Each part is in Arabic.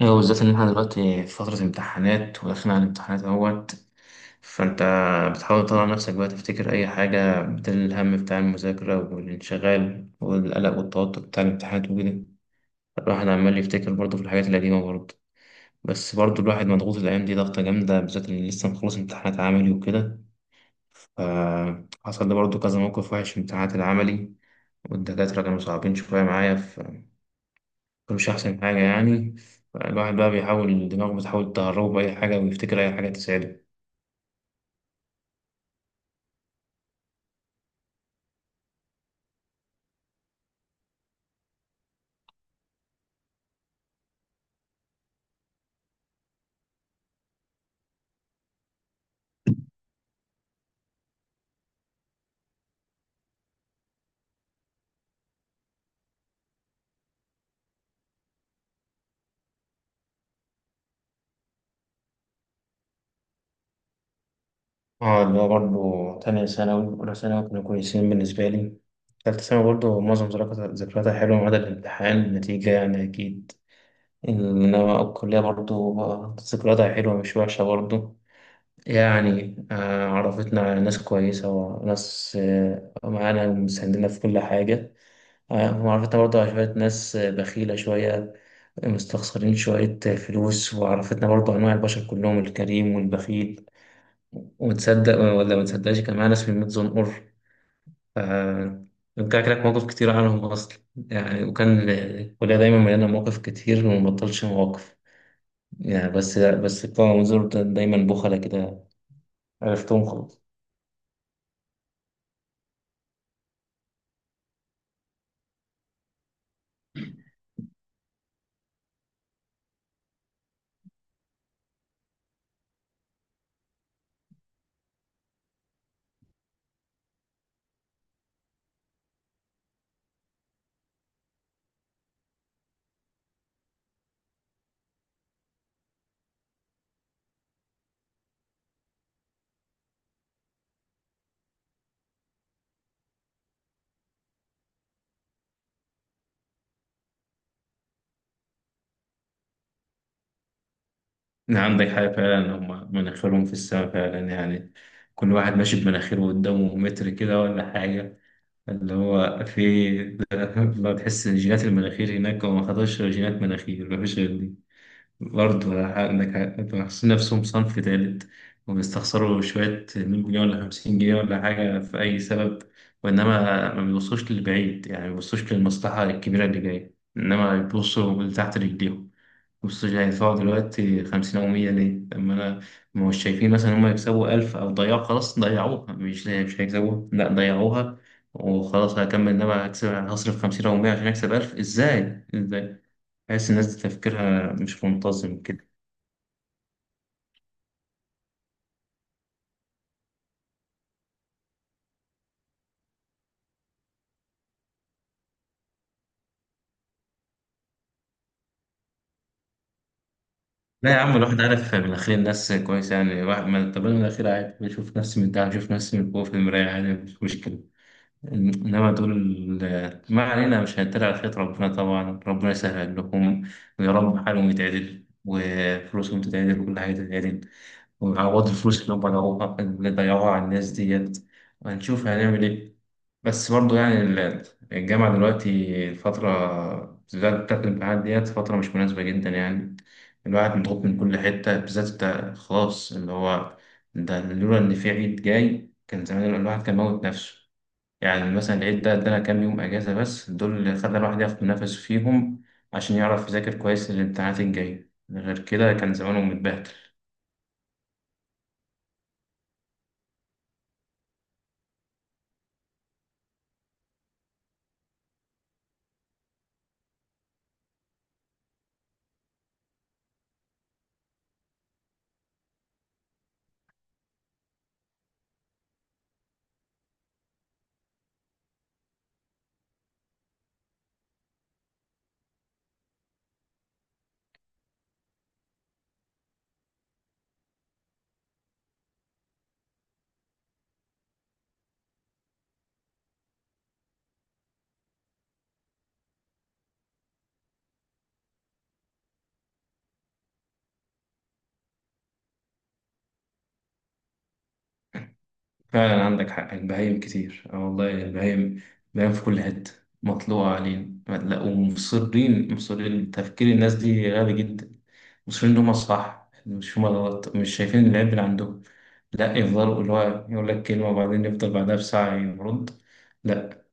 ايوه، بالذات ان احنا دلوقتي في فترة امتحانات وداخلين على الامتحانات اهوت. فانت بتحاول تطلع نفسك بقى، تفتكر اي حاجة بدل الهم بتاع المذاكرة والانشغال والقلق والتوتر بتاع الامتحانات وكده. الواحد عمال يفتكر برضه في الحاجات القديمة برضه. بس برضه الواحد مضغوط الأيام دي ضغطة جامدة، بالذات اللي لسه مخلص امتحانات عملي وكده. فحصل لي برضه كذا موقف وحش في امتحانات العملي، والدكاترة كانوا صعبين شوية معايا. مش أحسن حاجة يعني. الواحد بقى بيحاول، دماغه بتحاول تهربه بأي حاجة ويفتكر أي حاجة تساعده. اه، اللي هو برضه تانية ثانوي أولى ثانوي كانوا كويسين بالنسبة لي. تالتة ثانوي برضه معظم ذكرياتها حلوة ما عدا الامتحان النتيجة يعني أكيد. إنما الكلية برضه ذكرياتها حلوة مش وحشة برضه. يعني عرفتنا على ناس كويسة وناس معانا ومساندنا في كل حاجة. وعرفتنا برضه على شوية ناس بخيلة شوية، مستخسرين شوية فلوس. وعرفتنا برضو أنواع البشر كلهم، الكريم والبخيل. وتصدق ولا ما تصدقش، كان معانا اسم ميت زنقر. ف رجع لك مواقف كتير عنهم أصلا يعني. وكان الكلية دايما مليانة مواقف كتير وما بطلش مواقف يعني. بس بتوع منظور ده دايما بخلة كده. عرفتهم خلاص. عندك حاجة فعلا، هم مناخيرهم في السماء فعلا يعني. كل واحد ماشي بمناخيره قدامه متر كده ولا حاجة. اللي هو في ما تحس الجينات المناخير هناك، هو ما خدش غير جينات مناخير ما فيش غير دي. برضه انتوا حاسين نفسهم صنف تالت، وبيستخسروا شوية 100 جنيه ولا 50 جنيه ولا حاجة في أي سبب. وإنما ما بيبصوش للبعيد، يعني ما بيبصوش للمصلحة الكبيرة اللي جاية، إنما بيبصوا لتحت رجليهم. بيبصوا يعني هيدفعوا دلوقتي 50 أو 100 ليه؟ طب ما أنا، ما مش شايفين مثلا هما يكسبوا 1000 أو ضيعوا. خلاص ضيعوها، مش هيكسبوها، لا ضيعوها وخلاص هكمل. إنما هكسب، هصرف 50 أو 100 عشان أكسب 1000 إزاي؟ إزاي؟ تحس الناس دي تفكيرها مش منتظم كده. لا يا عم، الواحد عارف من الاخير الناس كويسه يعني. واحد ما، طب انا من الاخير عادي بشوف نفسي من ده، بشوف نفسي من جوه في المرايه عادي مش مشكله. انما دول، ما علينا مش هنتريق على خيط ربنا. طبعا ربنا يسهل لهم، ويا رب حالهم يتعدل وفلوسهم تتعدل وكل حاجه تتعدل، ويعوضوا الفلوس اللي هم ضيعوها، اللي ضيعوها على الناس ديت. وهنشوف هنعمل ايه. بس برضه يعني الجامعة دلوقتي، الفترة بالذات بتاعت الامتحانات ديت فترة مش مناسبة جدا يعني. الواحد مضغوط من كل حتة، بالذات انت خلاص اللي هو. ده لولا إن في عيد جاي كان زمان الواحد كان موت نفسه. يعني مثلا العيد ده ادانا كام يوم أجازة، بس دول اللي خلى الواحد ياخد نفسه فيهم عشان يعرف يذاكر كويس للامتحانات الجاية. غير كده كان زمانه متبهدل. فعلا عندك حق، البهايم كتير اه والله. البهايم، البهايم في كل حتة مطلوعة علينا. لا ومصرين تفكير الناس دي غبي جدا. مصرين إن هما صح مش هما غلط، مش شايفين العيب اللي عندهم. لا يفضلوا، اللي هو يقول لك كلمة وبعدين يفضل بعدها بساعة يرد. لا،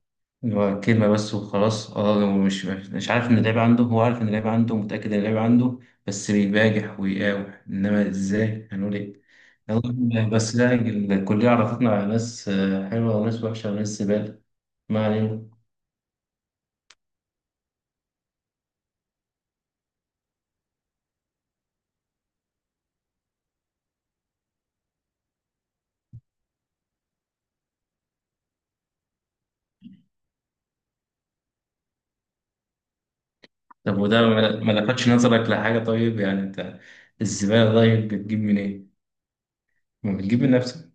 هو كلمة بس وخلاص. اه، هو مش عارف ان اللعيبة عنده، هو عارف ان اللعيبة عنده، متأكد ان اللعيبة عنده، بس بيباجح ويقاوح. انما ازاي هنقول ايه. يلا، بس لا الكلية عرفتنا على ناس حلوة وناس وحشة وناس زبالة. ما علينا. طب وده ما لفتش نظرك لحاجة؟ طيب يعني انت الزبالة طيب بتجيب منين؟ ما بتجيب من نفسك.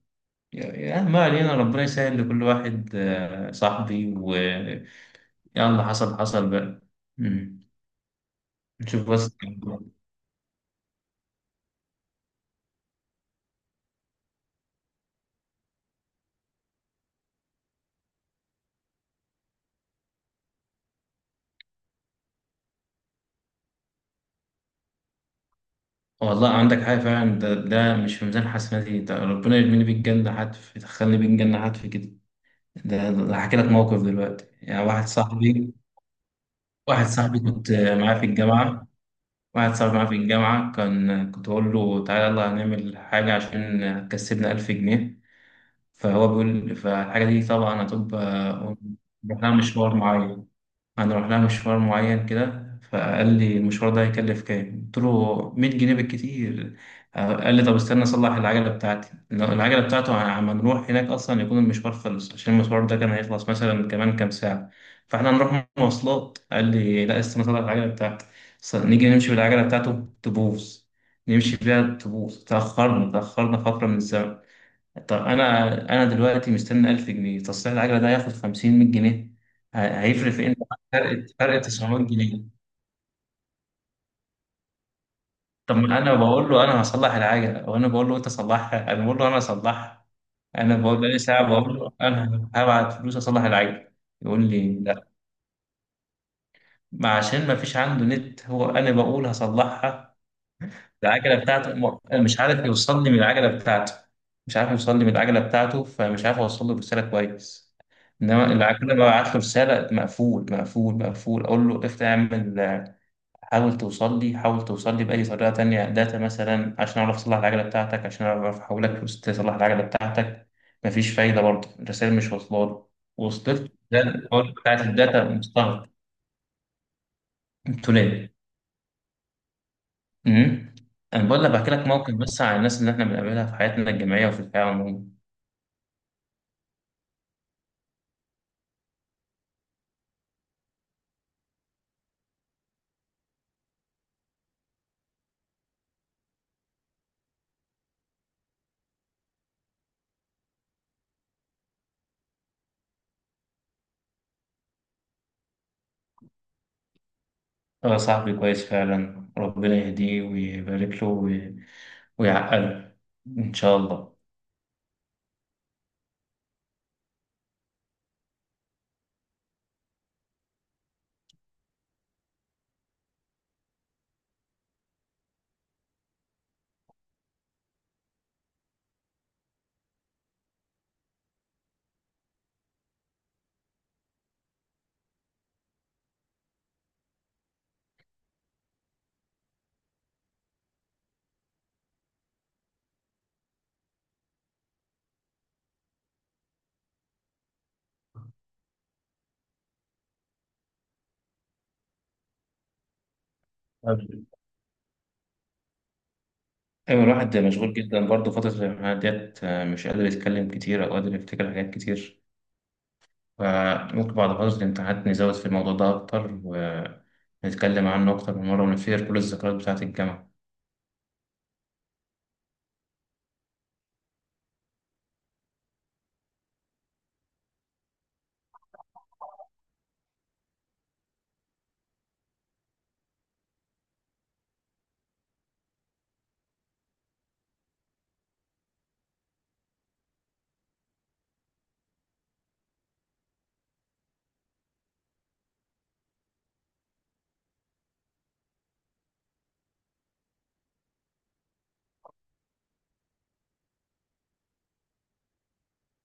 يعني ما علينا، ربنا يسهل لكل واحد. صاحبي ويلا، حصل حصل بقى. مم. نشوف بس. والله عندك حاجة فعلا، ده مش في ميزان حسناتي، ده ربنا يرميني بيك جنة حتف، يدخلني بيك جنة حتف كده. ده هحكي لك موقف دلوقتي. يعني واحد صاحبي، واحد صاحبي كنت معاه في الجامعة واحد صاحبي معاه في الجامعة، كان كنت بقول له تعالى يلا هنعمل حاجة عشان هتكسبنا ألف جنيه. فهو بيقول، فالحاجة دي طبعا هتبقى محتاجة مشوار معين، هنروح لها مشوار معين كده. فقال لي المشوار ده هيكلف كام؟ قلت له 100 جنيه بالكتير. قال لي طب استنى اصلح العجله بتاعتي. لو العجله بتاعته عم نروح هناك اصلا يكون المشوار خلص، عشان المشوار ده كان هيخلص مثلا كمان كام ساعه. فاحنا هنروح مواصلات، قال لي لا استنى اصلح العجله بتاعتي. نيجي نمشي بالعجله بتاعته تبوظ، نمشي بيها تبوظ. تأخرنا فترة من الزمن. طب انا دلوقتي مستني 1000 جنيه. تصليح العجله ده هياخد 50 100 جنيه. هيفرق في ايه؟ فرق 900 جنيه. طب ما انا بقول له انا هصلح العجله، وانا بقول له انت صلحها، انا بقول له انا هصلحها. انا بقول بقالي ساعه، بقول له انا هبعت فلوس اصلح العجله. يقول لي لا. ما عشان ما فيش عنده نت، هو انا بقول هصلحها. العجلة بتاعته مش عارف يوصل لي من العجلة بتاعته. مش عارف يوصل لي من العجلة بتاعته. فمش عارف أوصل له الرسالة كويس. إنما العجلة، ببعت له رسالة مقفول مقفول مقفول. أقول له افتح اعمل، حاول توصل لي، حاول توصل لي بأي طريقة تانية، داتا مثلا، عشان أعرف أصلح العجلة بتاعتك، عشان أعرف أحولك فلوس تصلح العجلة بتاعتك. مفيش فايدة برضه الرسائل مش واصلة له. وصلت له، ده الحوار بتاعت الداتا مستغرب. تولد. امم انا بقول لك بحكي لك موقف بس عن الناس اللي احنا بنقابلها في حياتنا الجامعيه وفي الحياه عموما. هو صاحبي كويس فعلا، ربنا يهديه ويبارك له ويعقله ان شاء الله. طيب. ايوه، الواحد مشغول جدا برضه فتره الامتحانات ديت. مش قادر يتكلم كتير او قادر يفتكر حاجات كتير. فممكن بعد فتره الامتحانات نزود في الموضوع ده اكتر، ونتكلم عنه اكتر من مره، ونفير كل الذكريات بتاعه الجامعه.